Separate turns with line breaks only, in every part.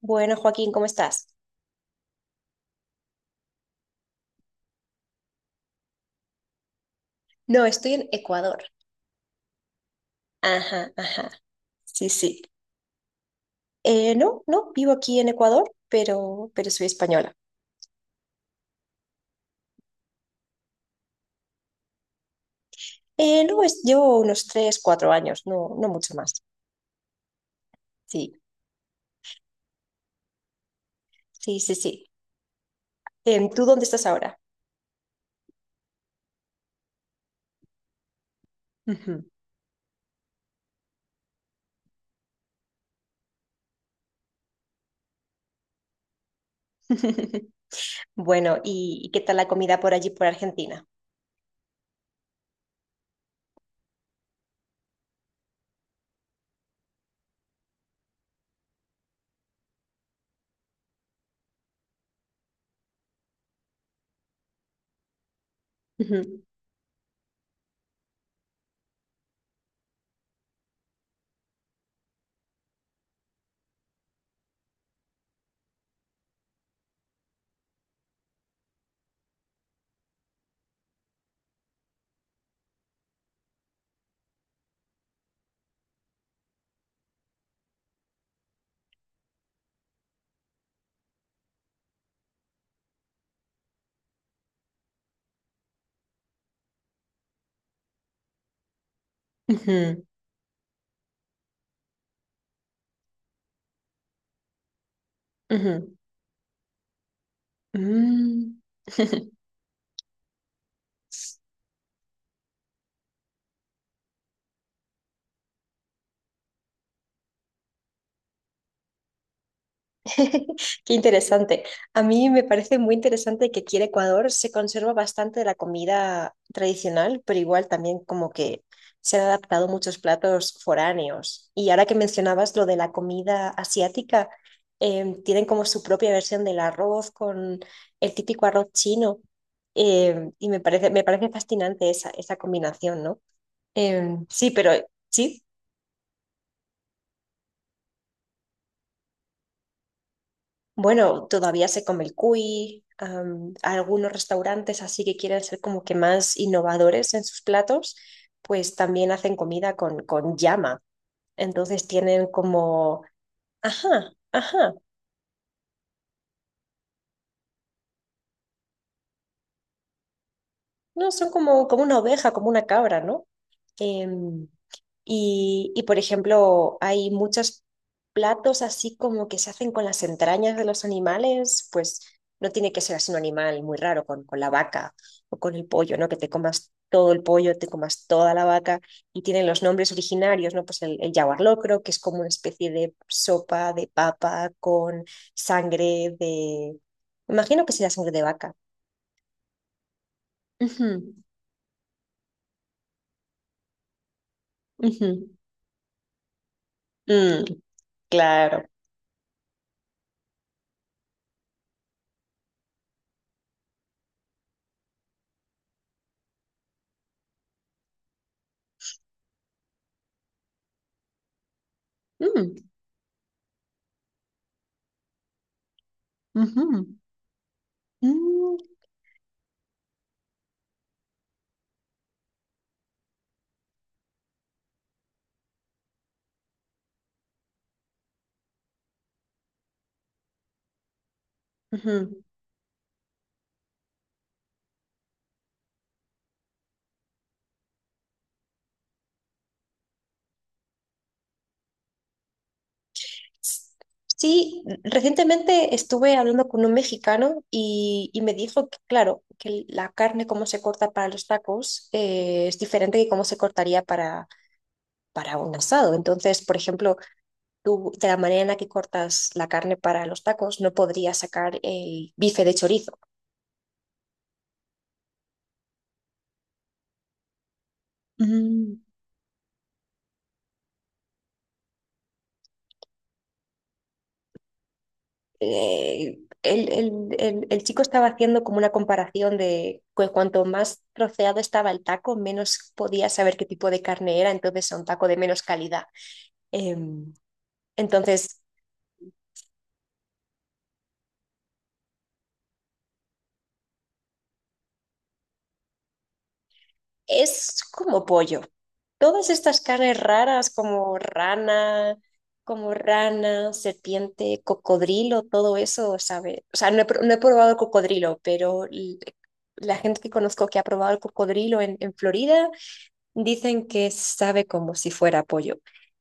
Bueno, Joaquín, ¿cómo estás? No, estoy en Ecuador. Ajá, ajá. Sí, sí. No, no, vivo aquí en Ecuador, pero soy española. No, llevo unos 3, 4 años, no, no mucho más. Sí, sí, sí, sí. ¿Tú dónde estás ahora? Ujú. Bueno, ¿y qué tal la comida por allí, por Argentina? Ujú, ujú. Ujú. Mm. Qué interesante. A mí me parece muy interesante que aquí en Ecuador se conserva bastante de la comida tradicional, pero igual también como que se han adaptado muchos platos foráneos. Y ahora que mencionabas lo de la comida asiática, tienen como su propia versión del arroz con el típico arroz chino. Y me parece fascinante esa, esa combinación, ¿no? Sí, pero sí. Bueno, todavía se come el cuy, algunos restaurantes así que quieren ser como que más innovadores en sus platos, pues también hacen comida con, llama. Entonces tienen como, ajá, ajá, no, son como, como una oveja, como una cabra, ¿no? Em, y, por ejemplo, hay muchos platos así como que se hacen con las entrañas de los animales, pues no tiene que ser así un animal muy raro, con, la vaca o con el pollo, ¿no? Que te comas todo el pollo, te comas toda la vaca y tienen los nombres originarios, ¿no? Pues el yaguar locro, que es como una especie de sopa de papa con sangre de... Imagino que será sangre de vaca. Ujú, ujú. Mm, claro. Mm, ujú, mm, ujú. Sí, recientemente estuve hablando con un mexicano y, me dijo que, claro, que la carne como se corta para los tacos es diferente que cómo se cortaría para, un asado. Entonces, por ejemplo, tú de la manera en la que cortas la carne para los tacos no podrías sacar el bife de chorizo. Mm. El chico estaba haciendo como una comparación de que cuanto más troceado estaba el taco, menos podía saber qué tipo de carne era, entonces era un taco de menos calidad. Em, entonces, es como pollo. Todas estas carnes raras como rana, serpiente, cocodrilo, todo eso, ¿sabe? O sea, no he probado el cocodrilo, pero la gente que conozco que ha probado el cocodrilo en Florida. Dicen que sabe como si fuera pollo.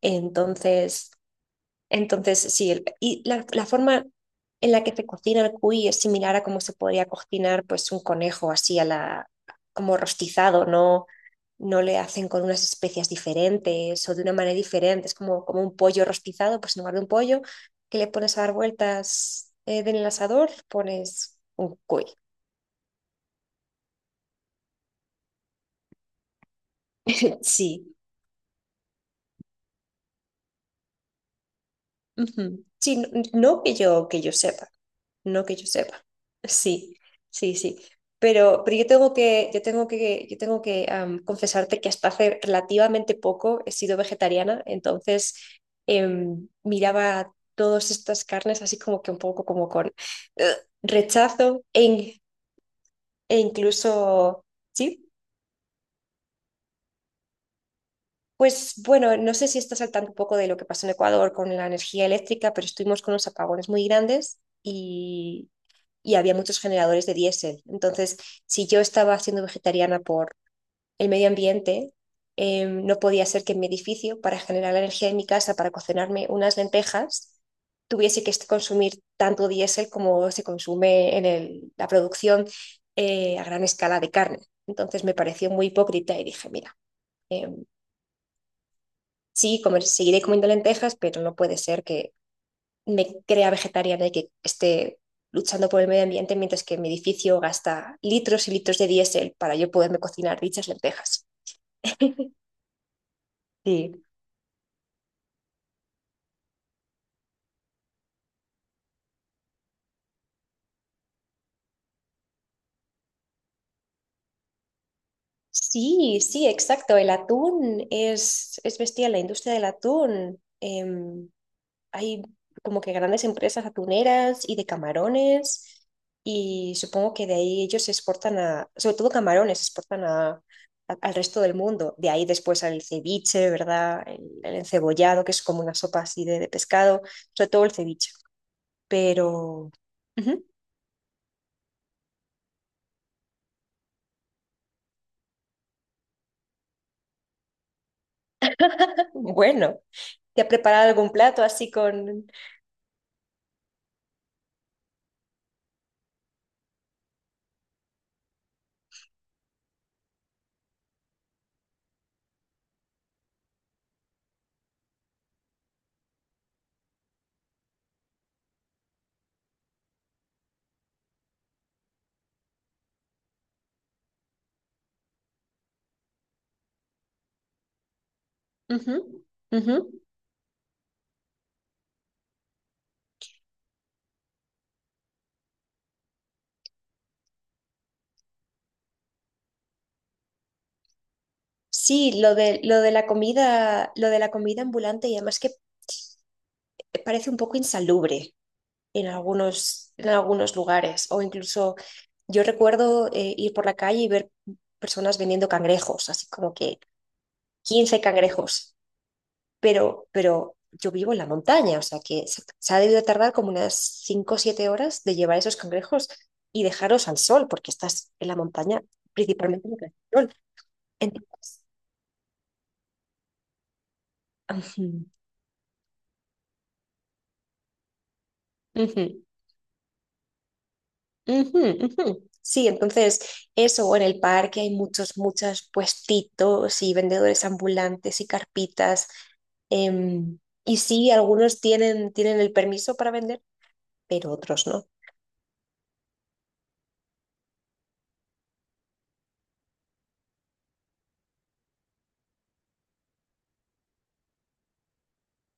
Entonces, entonces sí, y la, forma en la que se cocina el cuy es similar a cómo se podría cocinar pues un conejo así a como rostizado, ¿no? No le hacen con unas especias diferentes o de una manera diferente. Es como, como un pollo rostizado, pues en lugar de un pollo que le pones a dar vueltas en el asador, pones un cuy. Sí. Ujú. Sí, no, no que yo, sepa. No que yo sepa. Sí, sí, sí. Pero yo tengo que, yo tengo que, yo tengo que am, confesarte que hasta hace relativamente poco he sido vegetariana, entonces miraba todas estas carnes así como que un poco como con eh, rechazo e incluso, sí, pues bueno, no sé si estás al tanto un poco de lo que pasó en Ecuador con la energía eléctrica, pero estuvimos con unos apagones muy grandes y había muchos generadores de diésel. Entonces, si yo estaba siendo vegetariana por el medio ambiente, no podía ser que en mi edificio, para generar la energía en mi casa, para cocinarme unas lentejas, tuviese que consumir tanto diésel como se consume en la producción a gran escala de carne. Entonces me pareció muy hipócrita y dije, mira, sí, comer, seguiré comiendo lentejas, pero no puede ser que me crea vegetariana y que esté luchando por el medio ambiente mientras que mi edificio gasta litros y litros de diésel para yo poderme cocinar dichas lentejas. Sí. Sí, sí, exacto. El atún es bestial, la industria del atún. Hay como que grandes empresas atuneras y de camarones y supongo que de ahí ellos se exportan a, sobre todo camarones, se exportan a, al resto del mundo. De ahí después al ceviche, ¿verdad? El encebollado, que es como una sopa así de, pescado, sobre todo el ceviche. Pero, ujú, bueno, ¿te ha preparado algún plato así con... Ujú, ujú. Sí, lo de la comida, lo de la comida ambulante y además que parece un poco insalubre. En algunos, en algunos lugares. O incluso yo recuerdo ir por la calle y ver personas vendiendo cangrejos, así como que 15 cangrejos, pero, yo vivo en la montaña, o sea que se ha debido tardar como unas 5 o 7 horas de llevar esos cangrejos y dejarlos al sol, porque estás en la montaña principalmente en el sol. Entonces, ujú, ujú. Ujú, ujú. Sí, entonces eso, o en el parque hay muchos, muchos puestitos y vendedores ambulantes y carpitas. em, y sí, algunos tienen, tienen el permiso para vender, pero otros no.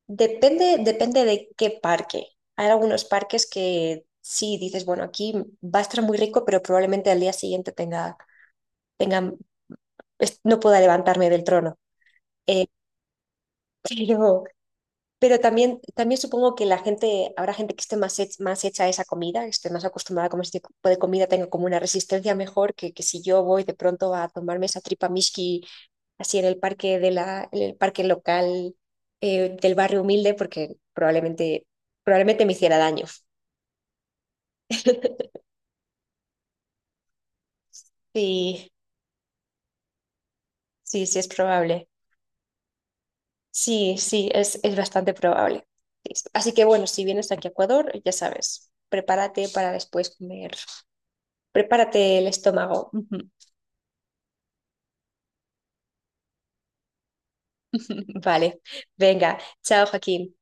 Depende, depende de qué parque. Hay algunos parques que sí dices, bueno, aquí va a estar muy rico, pero probablemente al día siguiente tenga, tenga, no pueda levantarme del trono. Eh, pero, Pero también, también supongo que la gente, habrá gente que esté más, más hecha a esa comida, que esté más acostumbrada a comer este tipo de comida, tenga como una resistencia mejor que, si yo voy de pronto a tomarme esa tripa mishki así en el parque de en el parque local del barrio humilde, porque probablemente, probablemente me hiciera daño. Sí, sí, sí, es probable. Sí, sí, es bastante probable. Sí, sí. Así que bueno, si vienes aquí a Ecuador, ya sabes, prepárate para después comer. Prepárate el estómago. Vale, venga, chao Joaquín.